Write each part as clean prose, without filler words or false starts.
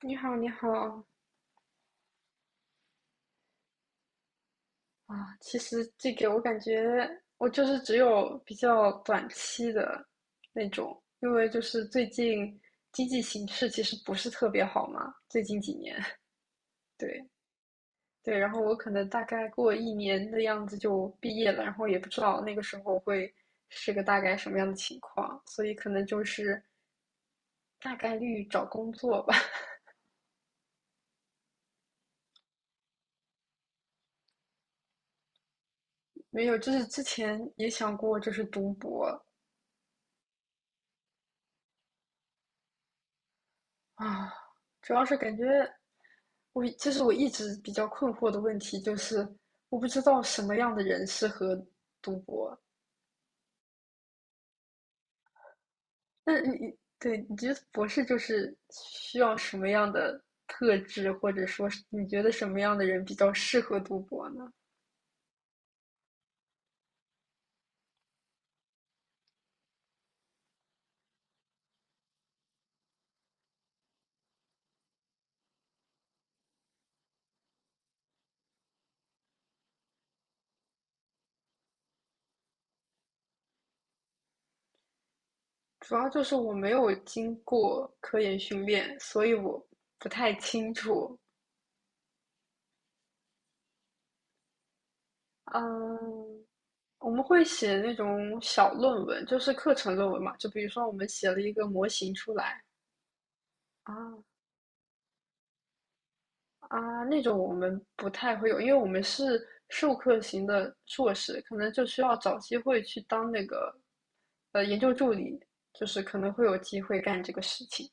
你好，你好啊！其实这个我感觉我就是只有比较短期的那种，因为就是最近经济形势其实不是特别好嘛，最近几年，对对，然后我可能大概过1年的样子就毕业了，然后也不知道那个时候会是个大概什么样的情况，所以可能就是大概率找工作吧。没有，就是之前也想过就是读博。啊，主要是感觉我其实我一直比较困惑的问题就是，我不知道什么样的人适合读博。那你对你觉得博士就是需要什么样的特质，或者说是你觉得什么样的人比较适合读博呢？主要就是我没有经过科研训练，所以我不太清楚。嗯，我们会写那种小论文，就是课程论文嘛。就比如说，我们写了一个模型出来啊。啊，那种我们不太会有，因为我们是授课型的硕士，可能就需要找机会去当那个研究助理，就是可能会有机会干这个事情。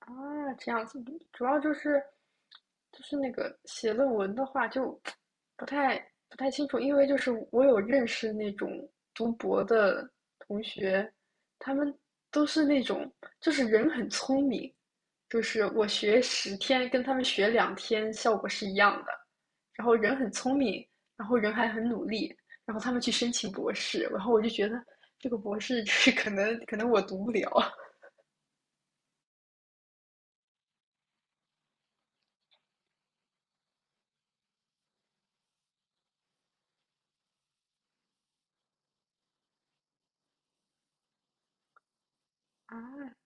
啊，这样子。主要就是那个写论文的话，就不太不太清楚，因为就是我有认识那种读博的同学，他们都是那种就是人很聪明，就是我学10天跟他们学2天效果是一样的，然后人很聪明，然后人还很努力，然后他们去申请博士，然后我就觉得这个博士 就是可能我读不了啊。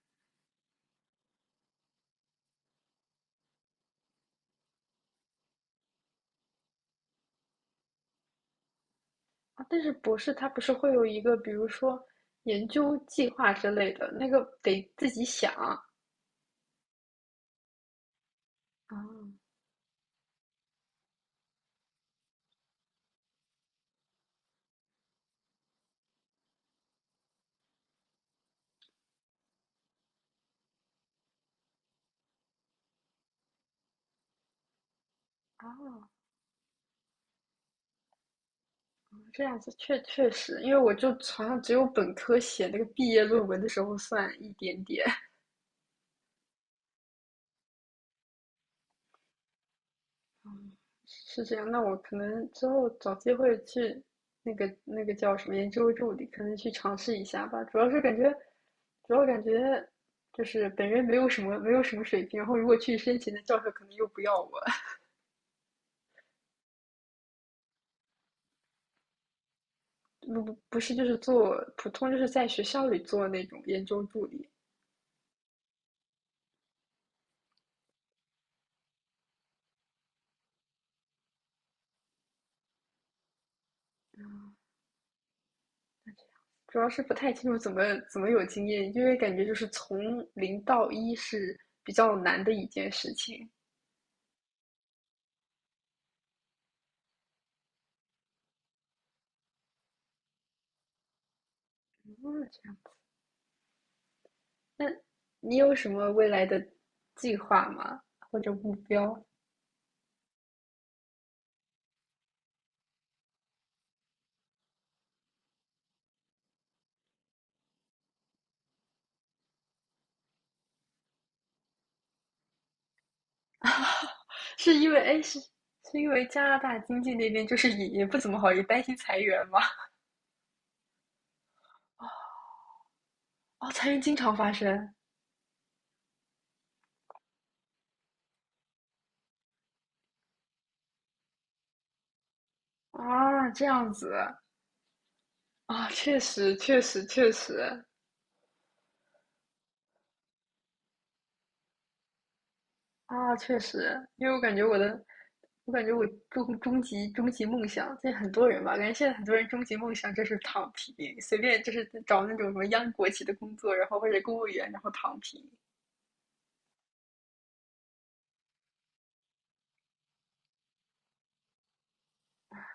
啊，但是博士他不是会有一个，比如说研究计划之类的，那个得自己想啊。啊，这样子。确实，因为我就好像只有本科写那个毕业论文的时候算一点点，是这样。那我可能之后找机会去那个叫什么研究助理，可能去尝试一下吧。主要是感觉，主要感觉就是本人没有什么水平，然后如果去申请的教授可能又不要我。不不不是，就是做普通，就是在学校里做那种研究助理。主要是不太清楚怎么有经验，因为感觉就是从零到一是比较难的一件事情。哦，这样。那你有什么未来的计划吗？或者目标？是因为哎，是因为加拿大经济那边就是也不怎么好，也担心裁员吗？哦，裁员经常发生啊。这样子啊，确实确实确实。啊，确实，因为我感觉我的，我感觉我终极梦想，这很多人吧，感觉现在很多人终极梦想就是躺平，随便就是找那种什么央国企的工作，然后或者公务员，然后躺平。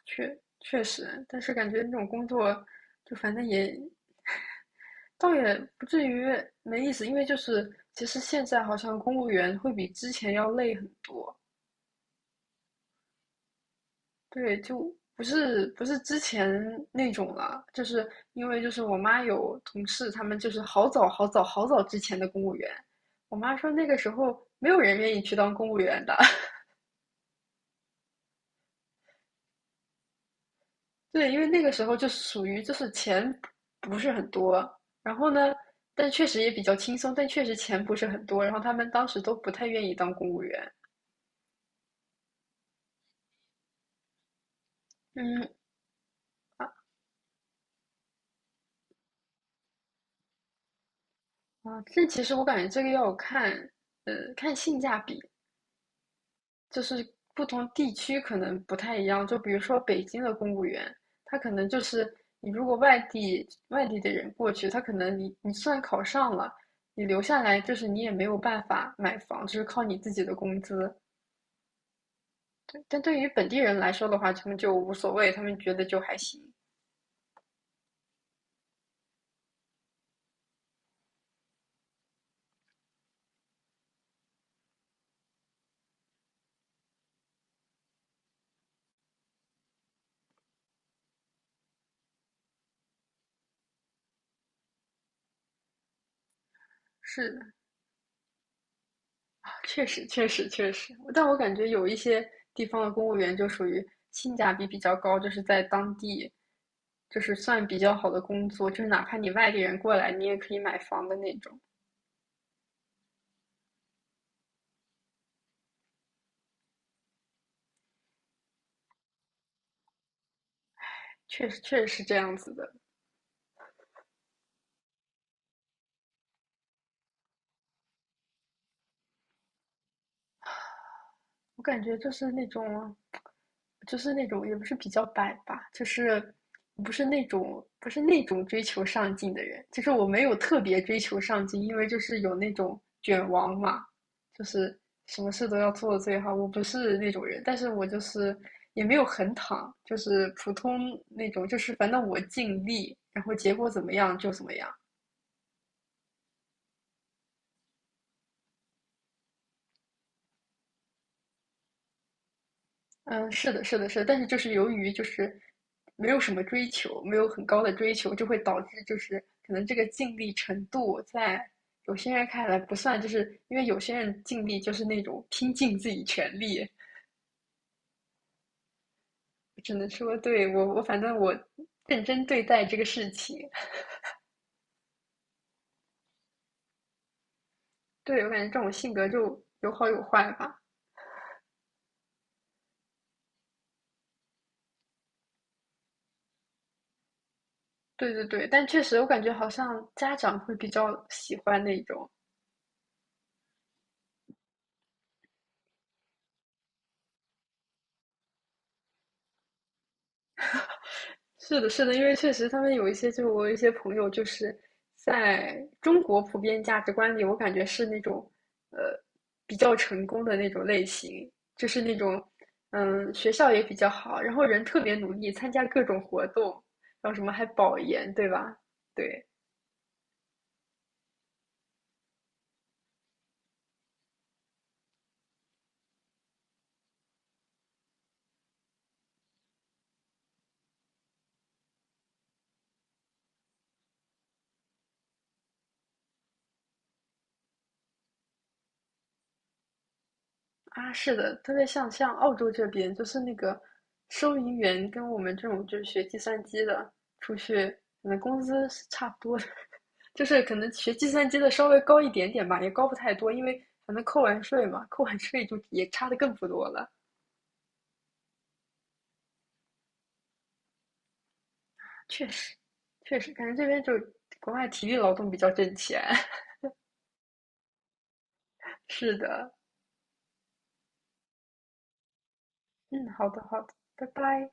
确实，但是感觉那种工作，就反正也倒也不至于没意思，因为就是其实现在好像公务员会比之前要累很多。对，就不是之前那种了，就是因为就是我妈有同事，他们就是好早好早好早之前的公务员，我妈说那个时候没有人愿意去当公务员的。对，因为那个时候就属于就是钱不是很多，然后呢，但确实也比较轻松，但确实钱不是很多，然后他们当时都不太愿意当公务员。嗯啊啊，这其实我感觉这个要看，看性价比。就是不同地区可能不太一样。就比如说北京的公务员，他可能就是你如果外地的人过去，他可能你算考上了，你留下来就是你也没有办法买房，就是靠你自己的工资。但对于本地人来说的话，他们就无所谓，他们觉得就还行。是，确实，确实，确实，但我感觉有一些地方的公务员就属于性价比比较高，就是在当地，就是算比较好的工作，就是哪怕你外地人过来，你也可以买房的那种。确实，确实是这样子的。我感觉就是那种，就是那种也不是比较摆吧，就是不是那种追求上进的人，就是我没有特别追求上进，因为就是有那种卷王嘛，就是什么事都要做得最好，我不是那种人，但是我就是也没有很躺，就是普通那种，就是反正我尽力，然后结果怎么样就怎么样。嗯，是的，是的，是的，但是就是由于就是没有什么追求，没有很高的追求，就会导致就是可能这个尽力程度在有些人看来不算，就是因为有些人尽力就是那种拼尽自己全力，我只能说对我反正我认真对待这个事情。对，我感觉这种性格就有好有坏吧。对对对，但确实我感觉好像家长会比较喜欢那种。是的，是的，因为确实他们有一些，就我有一些朋友，就是在中国普遍价值观里，我感觉是那种，呃，比较成功的那种类型，就是那种，嗯，学校也比较好，然后人特别努力，参加各种活动，然后什么还保研，对吧？对。啊，是的，特别像澳洲这边，就是那个收银员跟我们这种就是学计算机的出去，可能工资是差不多的，就是可能学计算机的稍微高一点点吧，也高不太多，因为反正扣完税嘛，扣完税就也差的更不多了。确实，确实，感觉这边就国外体力劳动比较挣钱。是的，嗯，好的，好的，拜拜。